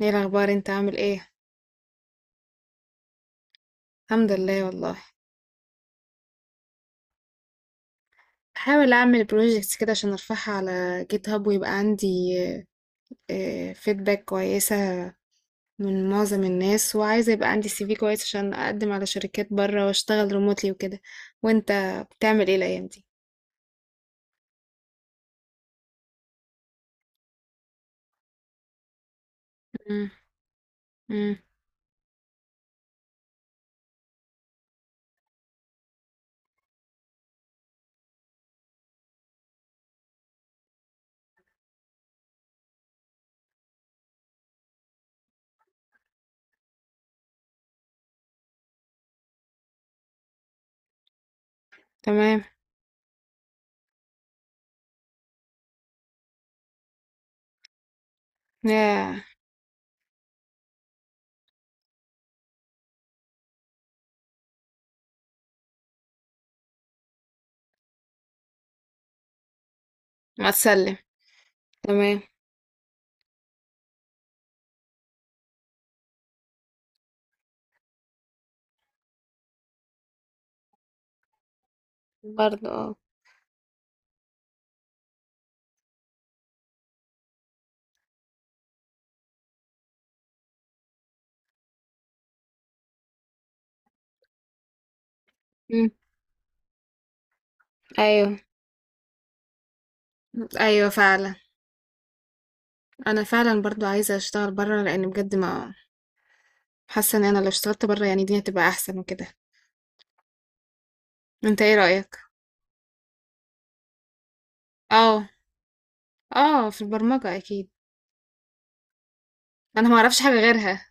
ايه الاخبار؟ انت عامل ايه؟ الحمد لله والله. بحاول اعمل بروجيكتس كده عشان ارفعها على جيت هاب، ويبقى عندي فيدباك كويسه من معظم الناس، وعايزه يبقى عندي سي في كويس عشان اقدم على شركات بره واشتغل ريموتلي وكده. وانت بتعمل ايه الايام دي؟ مم. مم. تمام. يا. ما تسلم. تمام. برضه اه. مم. ايوه. ايوه فعلا. انا فعلا برضو عايزه اشتغل بره، لان بجد ما حاسه ان انا لو اشتغلت بره يعني الدنيا تبقى احسن وكده. انت ايه رأيك؟ اه. اه، في البرمجة اكيد. انا ما اعرفش حاجة غيرها.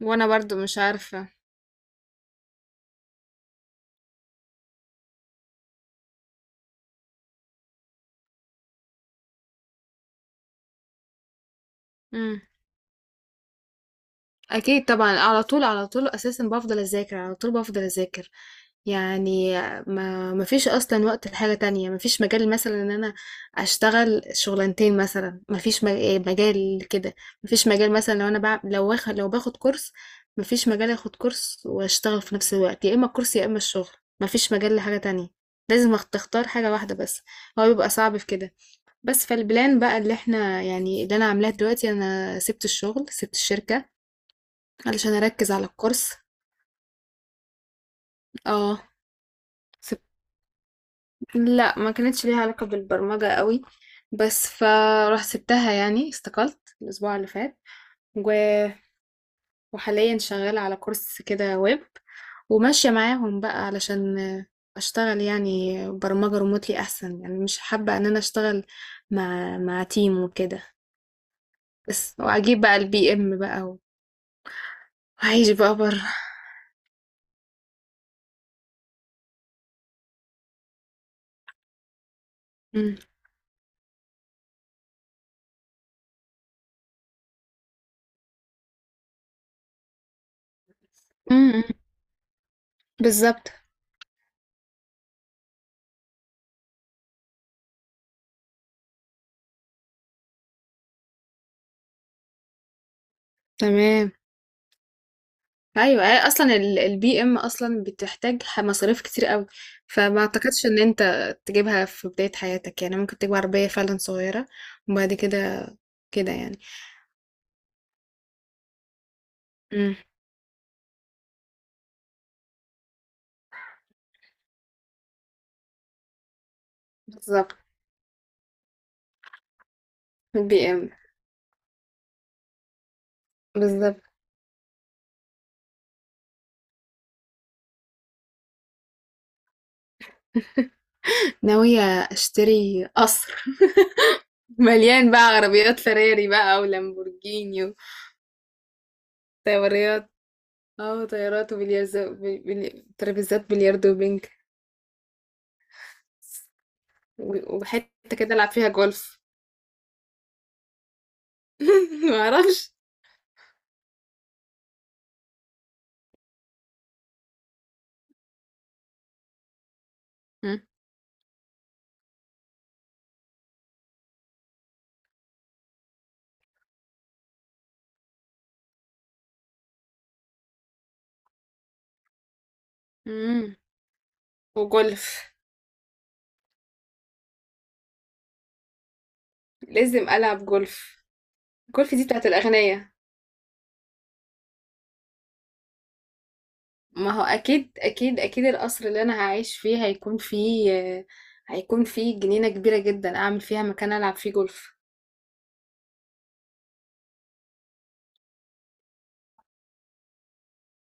وانا برضو مش عارفة. اكيد طبعا. على طول على طول، اساسا بفضل اذاكر على طول بفضل اذاكر يعني. ما فيش اصلا وقت لحاجه تانية. ما فيش مجال مثلا ان انا اشتغل شغلانتين مثلا، ما فيش مجال كده. ما فيش مجال مثلا لو انا لو باخد كورس، ما فيش مجال اخد كورس واشتغل في نفس الوقت، يا اما الكورس يا اما الشغل. ما فيش مجال لحاجه تانية. لازم تختار حاجة واحدة بس. هو بيبقى صعب في كده. بس فالبلان بقى اللي احنا يعني اللي انا عاملاه دلوقتي، انا سبت الشغل، سبت الشركة علشان اركز على الكورس. اه. سب... لا، ما كانتش ليها علاقة بالبرمجة قوي. بس فراح سبتها، يعني استقلت الاسبوع اللي فات. و... وحاليا شغالة على كورس كده ويب، وماشية معاهم بقى علشان اشتغل يعني برمجة ريموتلي احسن. يعني مش حابة ان انا اشتغل مع تيم وكده. بس واجيب بقى البي ام بقى وعيش بقى بره. مم. مم. بالظبط. تمام. ايوه، هي اصلا البي ام اصلا بتحتاج مصاريف كتير قوي، فما اعتقدش ان انت تجيبها في بداية حياتك. يعني ممكن تجيب عربية فعلا صغيرة، وبعد كده كده يعني. امم. بالظبط. البي ام. بالظبط. ناوية اشتري قصر مليان بقى عربيات فراري بقى ولامبورجيني. وطيارات. اه، طيارات وبلياردو. ترابيزات بلياردو وبنج. وحتة كده العب فيها جولف. معرفش. مم. وجولف. لازم ألعب جولف. جولف دي بتاعت الأغنياء. ما هو أكيد أكيد أكيد، القصر اللي أنا هعيش فيه هيكون فيه، هيكون فيه جنينة كبيرة جدا أعمل فيها مكان ألعب فيه جولف.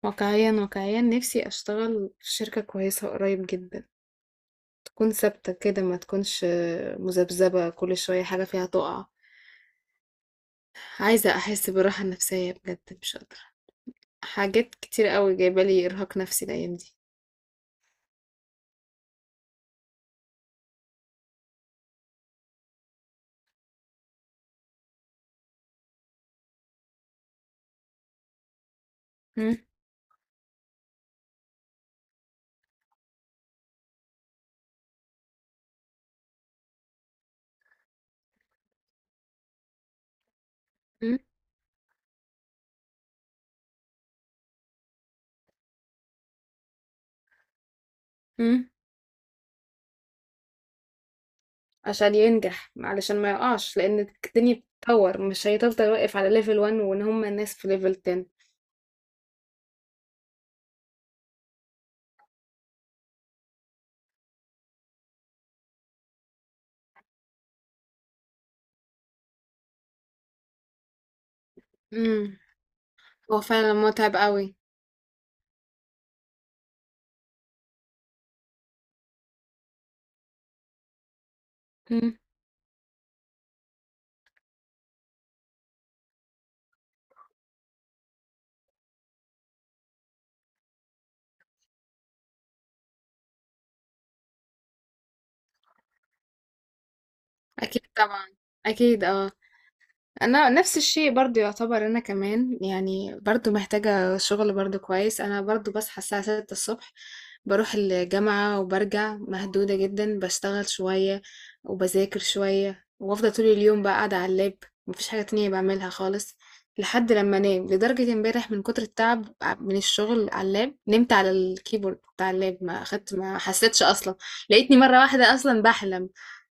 واقعيا واقعيا نفسي أشتغل في شركة كويسة قريب جدا، تكون ثابتة كده، ما تكونش مذبذبة كل شوية حاجة فيها تقع. عايزة أحس بالراحة النفسية، بجد مش قادرة. حاجات كتير قوي جايبالي إرهاق نفسي الأيام دي. مم، مم، مم. عشان ينجح، علشان ما يقعش، لان الدنيا بتتطور، مش هيفضل واقف على ليفل 1 وان هم الناس في ليفل 10. امم. هو فعلا متعب قوي. امم. اكيد طبعا. اكيد اه. انا نفس الشيء برضو يعتبر، انا كمان يعني برضو محتاجة شغل برضو كويس. انا برضو بصحى الساعة 6 الصبح، بروح الجامعة وبرجع مهدودة جدا. بشتغل شوية وبذاكر شوية وافضل طول اليوم بقى قاعدة على اللاب. مفيش حاجة تانية بعملها خالص لحد لما انام. لدرجة امبارح من كتر التعب من الشغل على اللاب، نمت على الكيبورد بتاع اللاب، ما اخدت ما حسيتش اصلا. لقيتني مرة واحدة اصلا بحلم.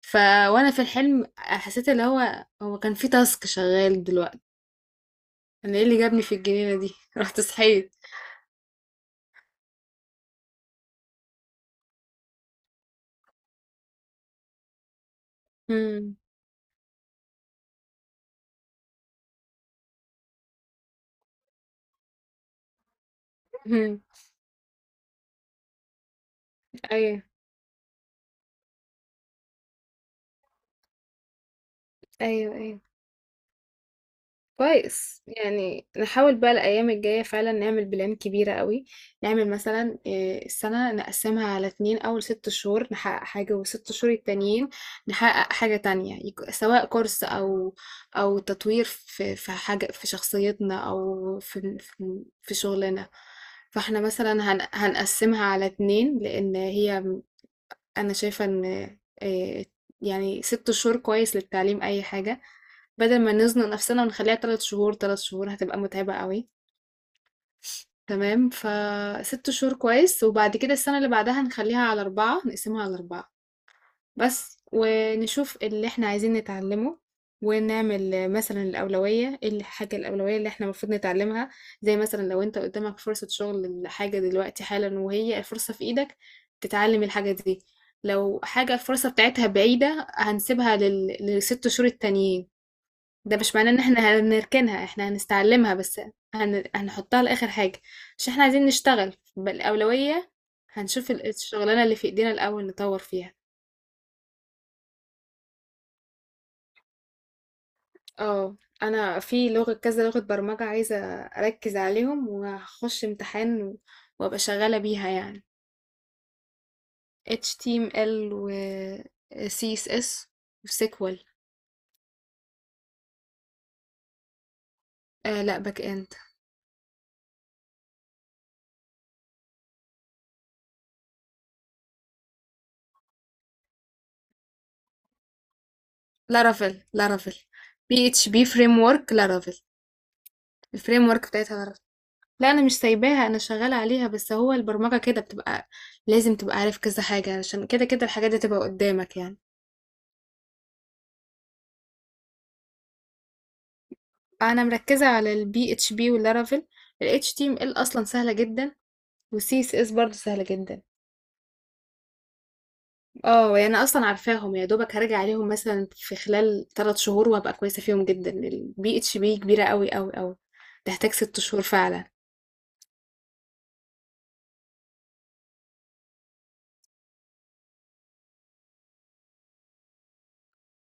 ف وانا في الحلم حسيت اللي هو كان في تاسك شغال دلوقتي. انا ايه اللي جابني في الجنينة دي؟ رحت صحيت. امم. أمم. ايوه، ايوه، ايوه، كويس. يعني نحاول بقى الايام الجايه فعلا نعمل بلان كبيره قوي. نعمل مثلا السنه نقسمها على اتنين، اول 6 شهور نحقق حاجه، والست شهور التانيين نحقق حاجه تانية، سواء كورس او تطوير في حاجه في شخصيتنا، او في شغلنا. فاحنا مثلا هنقسمها على اتنين، لان هي، أنا شايفة إن، آآ يعني 6 شهور كويس للتعليم أي حاجة، بدل ما نزنق نفسنا ونخلّيها 3 شهور، 3 شهور هتبقى متعبة أوي، تمام؟ ف6 شهور كويس، وبعد كده السنة اللي بعدها نخلّيها على 4، نقسمها على 4. بس ونشوف اللي إحنا عايزين نتعلمه، ونعمل مثلا الأولوية، إيه الحاجة الأولوية اللي إحنا المفروض نتعلمها. زي مثلا لو أنت قدامك فرصة شغل لحاجة دلوقتي حالا، وهي الفرصة في إيدك، تتعلم الحاجة دي. لو حاجة الفرصة بتاعتها بعيدة، هنسيبها للست شهور التانيين. ده مش معناه إن إحنا هنركنها، إحنا هنستعلمها بس، هنحطها لآخر حاجة، عشان إحنا عايزين نشتغل بالأولوية. هنشوف الشغلانة اللي في إيدينا الأول نطور فيها. آه، أنا في لغة كذا لغة برمجة عايزة أركز عليهم، وهاخش امتحان وأبقى شغالة بيها يعني. HTML و CSS و SQL. آه لا، باك إند. لارافيل، لارافيل. PHP framework، لارافيل. الفريم ورك بتاعتها لارافيل. لا، أنا مش سايباها، أنا شغالة عليها. بس هو البرمجة كده بتبقى لازم تبقى عارف كذا حاجة، عشان كده كده الحاجات دي تبقى قدامك يعني. أنا مركزة على ال PHP واللارافيل. ال HTML أصلا سهلة جدا، والسي اس اس برضه سهلة جدا. اه، يعني انا اصلا عارفاهم. يا دوبك هرجع عليهم مثلا في خلال 3 شهور، وهبقى كويسة فيهم جدا. البي اتش بي كبيرة قوي قوي قوي، تحتاج 6 شهور فعلا.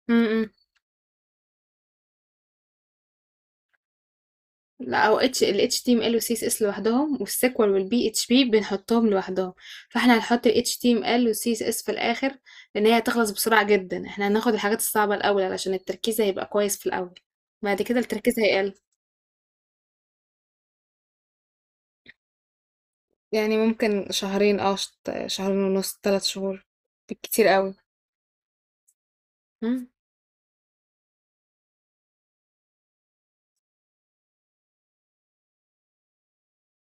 امم. لا، او اتش ال اتش تي ام ال والسي اس اس لوحدهم، والسيكوال والبي اتش بي بنحطهم لوحدهم. فاحنا هنحط ال اتش تي ام ال والسي اس اس في الاخر، لان هي هتخلص بسرعة جدا. احنا هناخد الحاجات الصعبة الاول علشان التركيز هيبقى كويس في الاول، بعد كده التركيز هيقل. يعني ممكن شهرين، اه، شهرين ونص، 3 شهور بالكتير قوي. مم.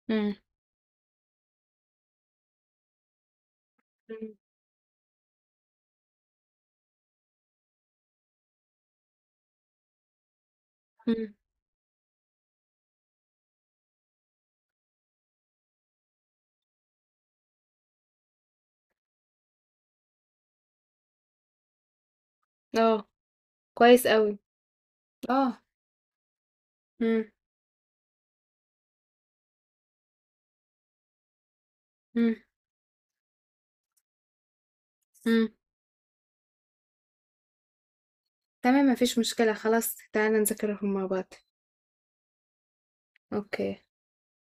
مم. مم. مم. اه، كويس قوي. اه. مم. مم. مم. تمام، مفيش مشكلة، خلاص تعالى نذاكرهم مع بعض. اوكي.